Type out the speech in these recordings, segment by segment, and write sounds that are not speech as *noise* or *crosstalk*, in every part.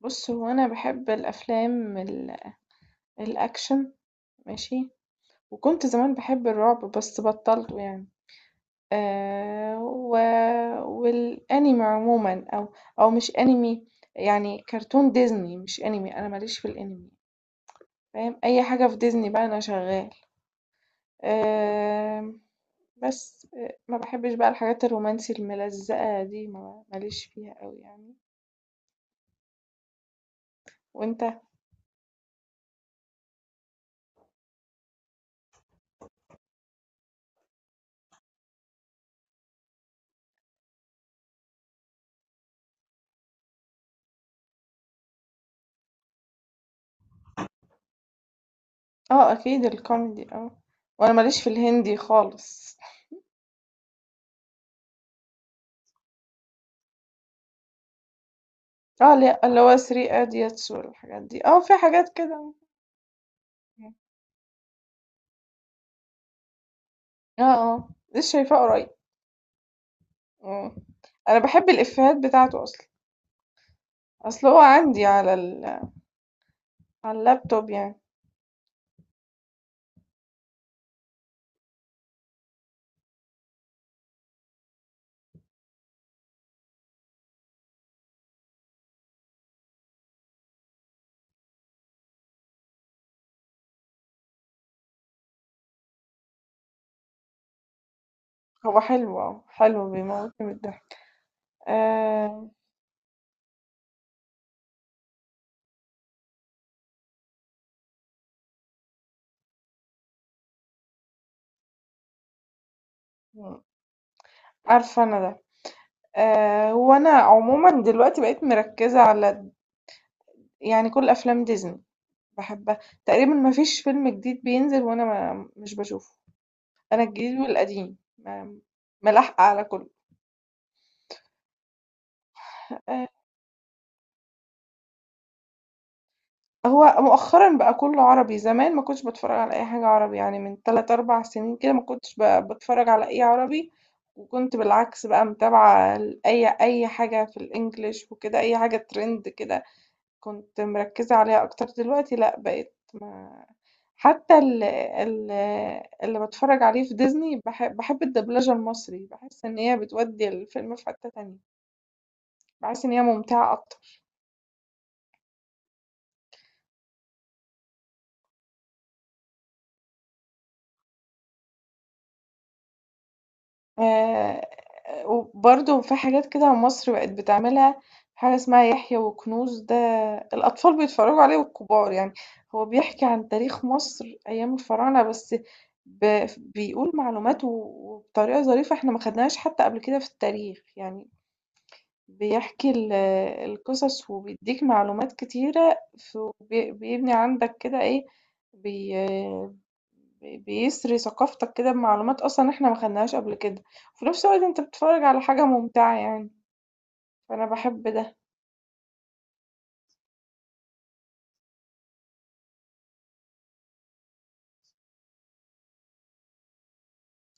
بُص، هو أنا باحب الأفلام الأكشن ماشي، وكنت زمان باحب الرعب بس بطّلته يعني، و والAnime عمومًا أو مش Anime، يعني كرتون ديزني مش Anime، أنا ما ليش في الAnime فاهم، أي حاجة في ديزني بقى أنا شغّال، آمم بس ما باحبش بقى الحاجات الرومانسي الملزقة دي ما ليش فيها أوي يعني، وأنت؟ آه، أكيد الكوميدي، آه، وأنا ما ليش في الهندي خالص. آه، لأ، اللي هو 3 Idiots والحاجات دي، آه، في حاجات كده. إمم، آه، آه، لسه شايفاه قريب. إمم، أنا باحب الإفيهات بتاعته أصلًا، أصل هو عندي على ال على اللابتوب يعني، هو حلو، آه، حلو بيموتني من الضحك. آآ، إمم، عارفة أنا ده. هو أنا عمومًا دلوقتي بقيت مركّزة على يعني كل أفلام ديزني باحبها، تقريبًا ما فيش فيلم جديد بينزل وأنا ما مش باشوفه، أنا الجديد والقديم، ملاحقة على كُلّه. آآ هو مؤخرًا بقى كُلّه عربي، زمان ما كنتش باتفرّج على أي حاجة عربي، يعني من 3، 4 سنين كده ما كنتش باتفرّج على أي عربي، وكنت بالعكس بقى متابعة ال أي أي حاجة في الEnglish وكده، أي حاجة trend كده كنت مركّزة عليها أكتر، دلوقتي لأ بقيت ما حتى ال ال اللي باتفرّج عليه في Disney باحب الدبلجة المصري، باحس إن هي بتودّي الفيلم في حتّة تانية، باحس إن هي ممتعة أكتر. آآ وبرضه في حاجات كده مصر بقت بتعملها، حاجة اسمها يحيى وكنوز ده الأطفال بيتفرّجوا عليه والكبار يعني، هو بيحكي عن تاريخ مصر أيام الفراعنة بس بيقول معلومات وبطريقة ظريفة إحنا ما خدناهاش حتى قبل كده في التاريخ، يعني بيحكي القصص وبيديك معلومات كتيرة بيبني عندك كده ايه بي بيسري ثقافتك كده بمعلومات اصلا احنا ما خدناهاش قبل كده، وفي نفس الوقت انت بتتفرج على حاجة ممتعة يعني، فانا بحب ده.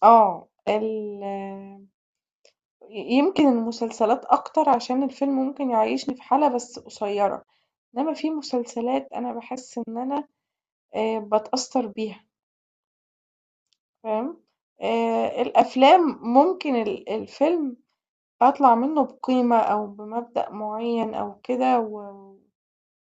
اه، يمكن المسلسلات اكتر عشان الفيلم ممكن يعيشني في حالة بس قصيرة، انما في مسلسلات انا بحس ان انا بتأثر بيها فاهم، الأفلام ممكن الفيلم أطلع منه بقيمة أو بمبدأ معيّن أو كده و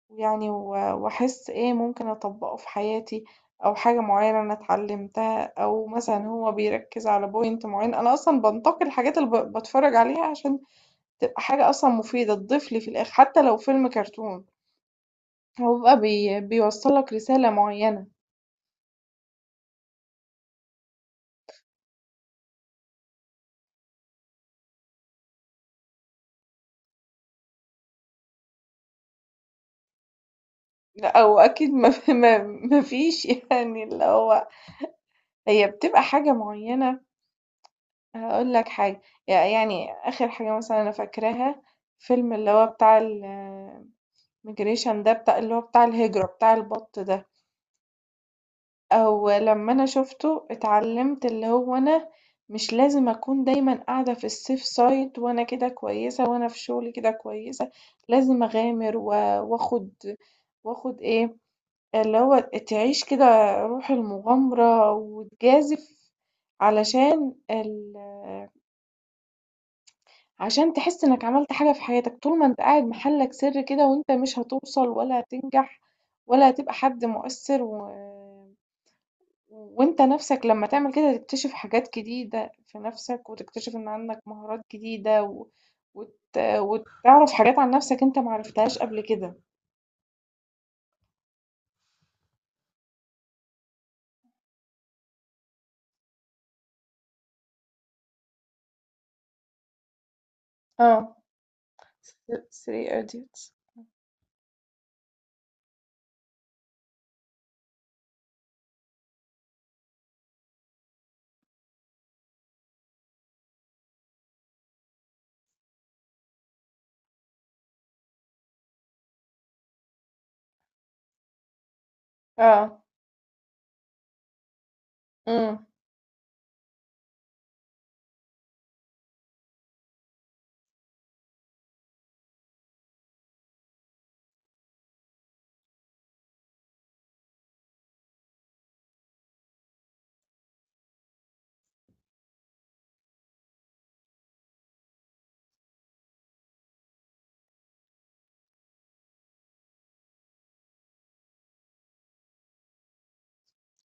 ويعني وأحس إيه ممكن أطبّقه في حياتي أو حاجة معيّنة أنا اتعلمتها أو مثلًا هو بيركّز على point معيّن، أنا أصلًا بانتقي الحاجات اللي باتفرّج عليها عشان تبقى حاجة أصلًا مفيدة تضيف لي في الآخر، حتى لو فيلم كرتون هو بيبقى بيوصّل لك رسالة معيّنة. لأ وأكيد ما *laughs* ف ما فيش يعني اللي هو هي بتبقى حاجة معيّنة. هاقول لك حاجة، يعني آخر حاجة مثلًا أنا فاكراها فيلم اللي هو بتاع الmigration ده بتاع اللي هو بتاع الهجرة بتاع البَط ده، أو لمّا أنا شُفته اتعلّمت اللي هو أنا مش لازم أكون دايمًا قاعدة في الsafe side وأنا كده كويسة وأنا في شغلي كده كويسة، لازم أغامر وآخُد وآخُد إيه، اللي هو تعيش كده روح المغامرة وتجازف علشان ال عشان تحس إنك عملت حاجة في حياتك، طول ما أنت قاعد محلك سر كده وأنت مش هتوصل ولا هتنجح ولا هتبقى حد مؤثر وأنت نفسك لما تعمل كده تكتشف حاجات جديدة في نفسك وتكتشف إن عندك مهارات جديدة وت... وتعرف حاجات عن نفسك أنت معرفتهاش قبل كده. اه، 3 idiots. اه، امم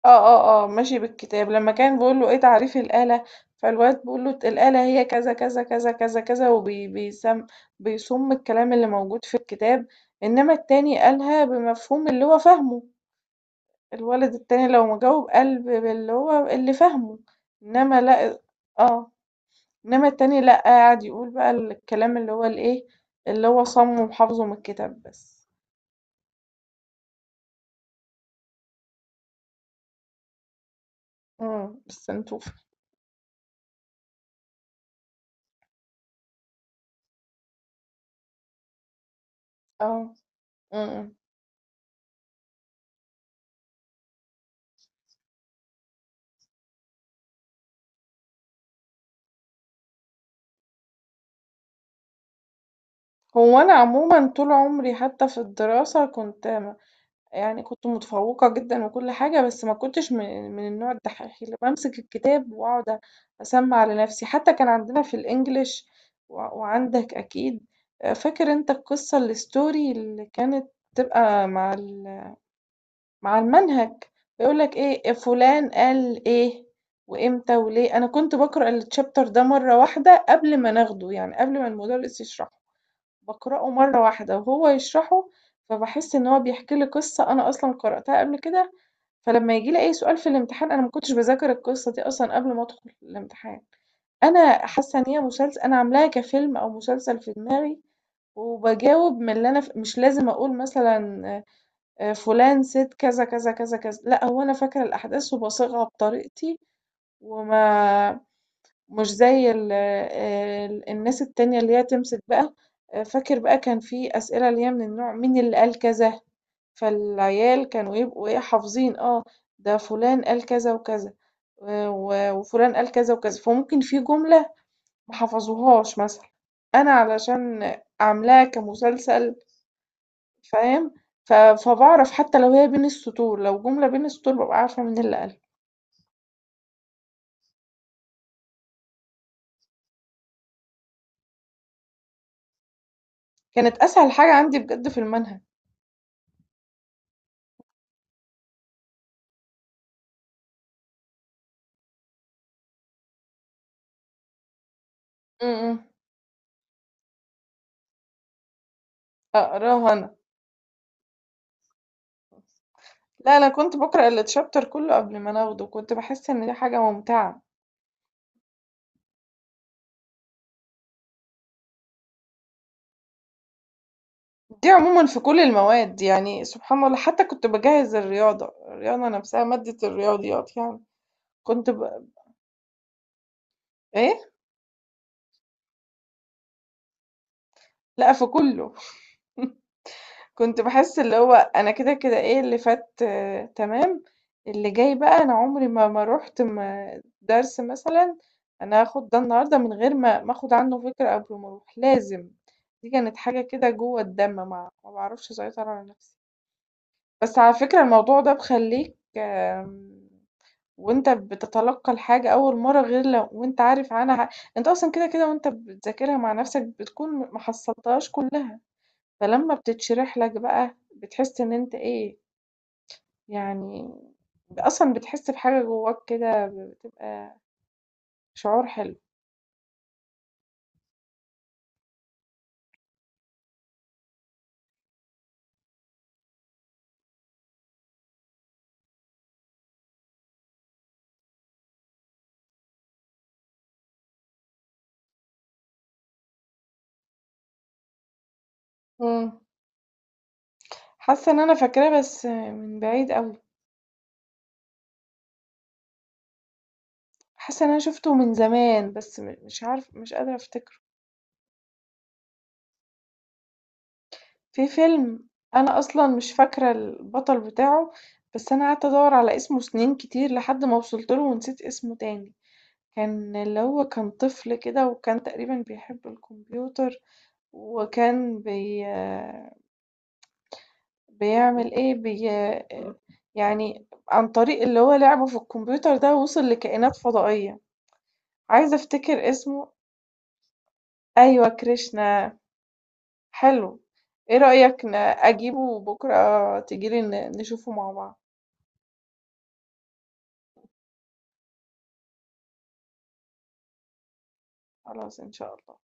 آه، آه، آه، ماشي بالكتاب، لمّا كان بيقول له إيه تعريف الآلة، فالواد بيقول له الآلة هي كذا، كذا، كذا، كذا، كذا، وبي بيسم بيصُم الكلام اللي موجود في الكتاب، إنما التاني قالها بمفهوم اللي هو فاهمه، الولد التاني لو ما جاوب قال باللي هو اللي فاهمه، إنما لأ، آه، إنما التاني لأ، قعد يقول بقى الكلام اللي هو الإيه، اللي هو صاممه وحافظه من الكتاب بس. إمم، بالسنتوفة، آه، إمم، إمم. هو أنا عمومًا طول عمري حتى في الدراسة كنت م يعني كنت متفوقة جدًا وكل حاجة، بس ما كنتش من النوع الدحّيح اللي بامسك الكتاب وأقعد أسمّع لنفسي، حتى كان عندنا في الEnglish وعندك أكيد، فاكر أنت القصة الstory اللي كانت بتبقى مع المنهج، يقول لك إيه "إيه فلان قال إيه وإمتى وليه"، أنا كنت باقرأ الchapter ده مرّة واحدة قبل ما ناخده، يعني قبل ما المدرس يشرحه. باقرأه مرّة واحدة وهو يشرحه، فباحس إن هو بيحكي لي قصة أنا أصلًا قرأتها قبل كده، فلمّا ييجي لي أي سؤال في الامتحان أنا ما كنتش باذاكر القصة دي أصلًا قبل ما أدخل الامتحان، أنا حاسة إن هي أنا عاملاها كفيلم أو مسلسل في دماغي، وباجاوب من اللي أنا مش لازم أقول مثلًا فلان سِت كذا، كذا، كذا، كذا، لأ هو أنا فاكرة الأحداث وباصيغها بطريقتي وما مش زي ال ال الناس التانية اللي هي تمسك بقى، فاكر بقى كان في أسئلة اللي هي من النوع مين اللي قال كذا، فالعيال كانوا يبقوا إيه حافظين، آه، ده فلان قال كذا وكذا و وفلان قال كذا وكذا، فممكن في جملة ما حفظوهاش مثلًا، أنا علشان عاملاها كمسلسل فاهم، فباعرف حتى لو هي بين السطور، لو جملة بين السطور بابقى عارفة مين اللي قالها، كانت أسهل حاجة عندي بجد في المنهج. إمم، إمم، أقراها أنا. لا، أنا كنت باقرأ الchapter كله قبل ما أنا آخده، كنت باحس إن دي حاجة ممتعة. دي عمومًا في كل المواد يعني سبحان الله، حتى كنت باجهز الرياضة، الرياضة نفسها مادة الرياضيات يعني، كنت إيه؟ لأ، في كله. *laughs* كنت باحس اللي هو أنا كده، كده إيه اللي فات، آه، تمام، اللي جاي بقى أنا عمري ما رُحت ما درس مثلًا أنا هاخد ده النهارده من غير ما آخد عنه فكرة قبل ما أروح، لازم. دي كانت حاجة كده جوّه الدم ما باعرفش أسيطر على نفسي. بس على فكرة الموضوع ده بيخلّيك. وأنت بتتلقّى الحاجة أول مرّة غير لو وأنت عارف عنها أنت أصلًا كده، كده وأنت بتذاكرها مع نَفْسك بتكون ما حصّلتهاش كُلّها، فلمّا بتتشرح لك بقى بتحس إن أنت إيه، يعني أصلًا بتحس بحاجة جوّاك كده بتبقى شعور حلو. إمم. حاسّة إن أنا فاكراه بس من بعيد أوي، حاسّة إن أنا شُفته من زمان بس مش عارفة مش قادرة أفتكره. في فيلم أنا أصلًا مش فاكرة البطل بتاعه، بس أنا قعدت أدوّر على اسمه سنين كتير لحد ما وصلت له ونسيت اسمه تاني، كان اللي هو كان طفل كده وكان تقريبًا بيحب الكمبيوتر وكان بيعمل إيه، يعني عن طريق اللي هو لعبه في الكمبيوتر ده وصل لكائنات فضائية، عايزة أفتكر اسمه. أيوه، كريشنا، حلو، إيه رأيك أجيبه بكرة تيجي لي نشوفه مع بعض؟ خلاص إن شاء الله.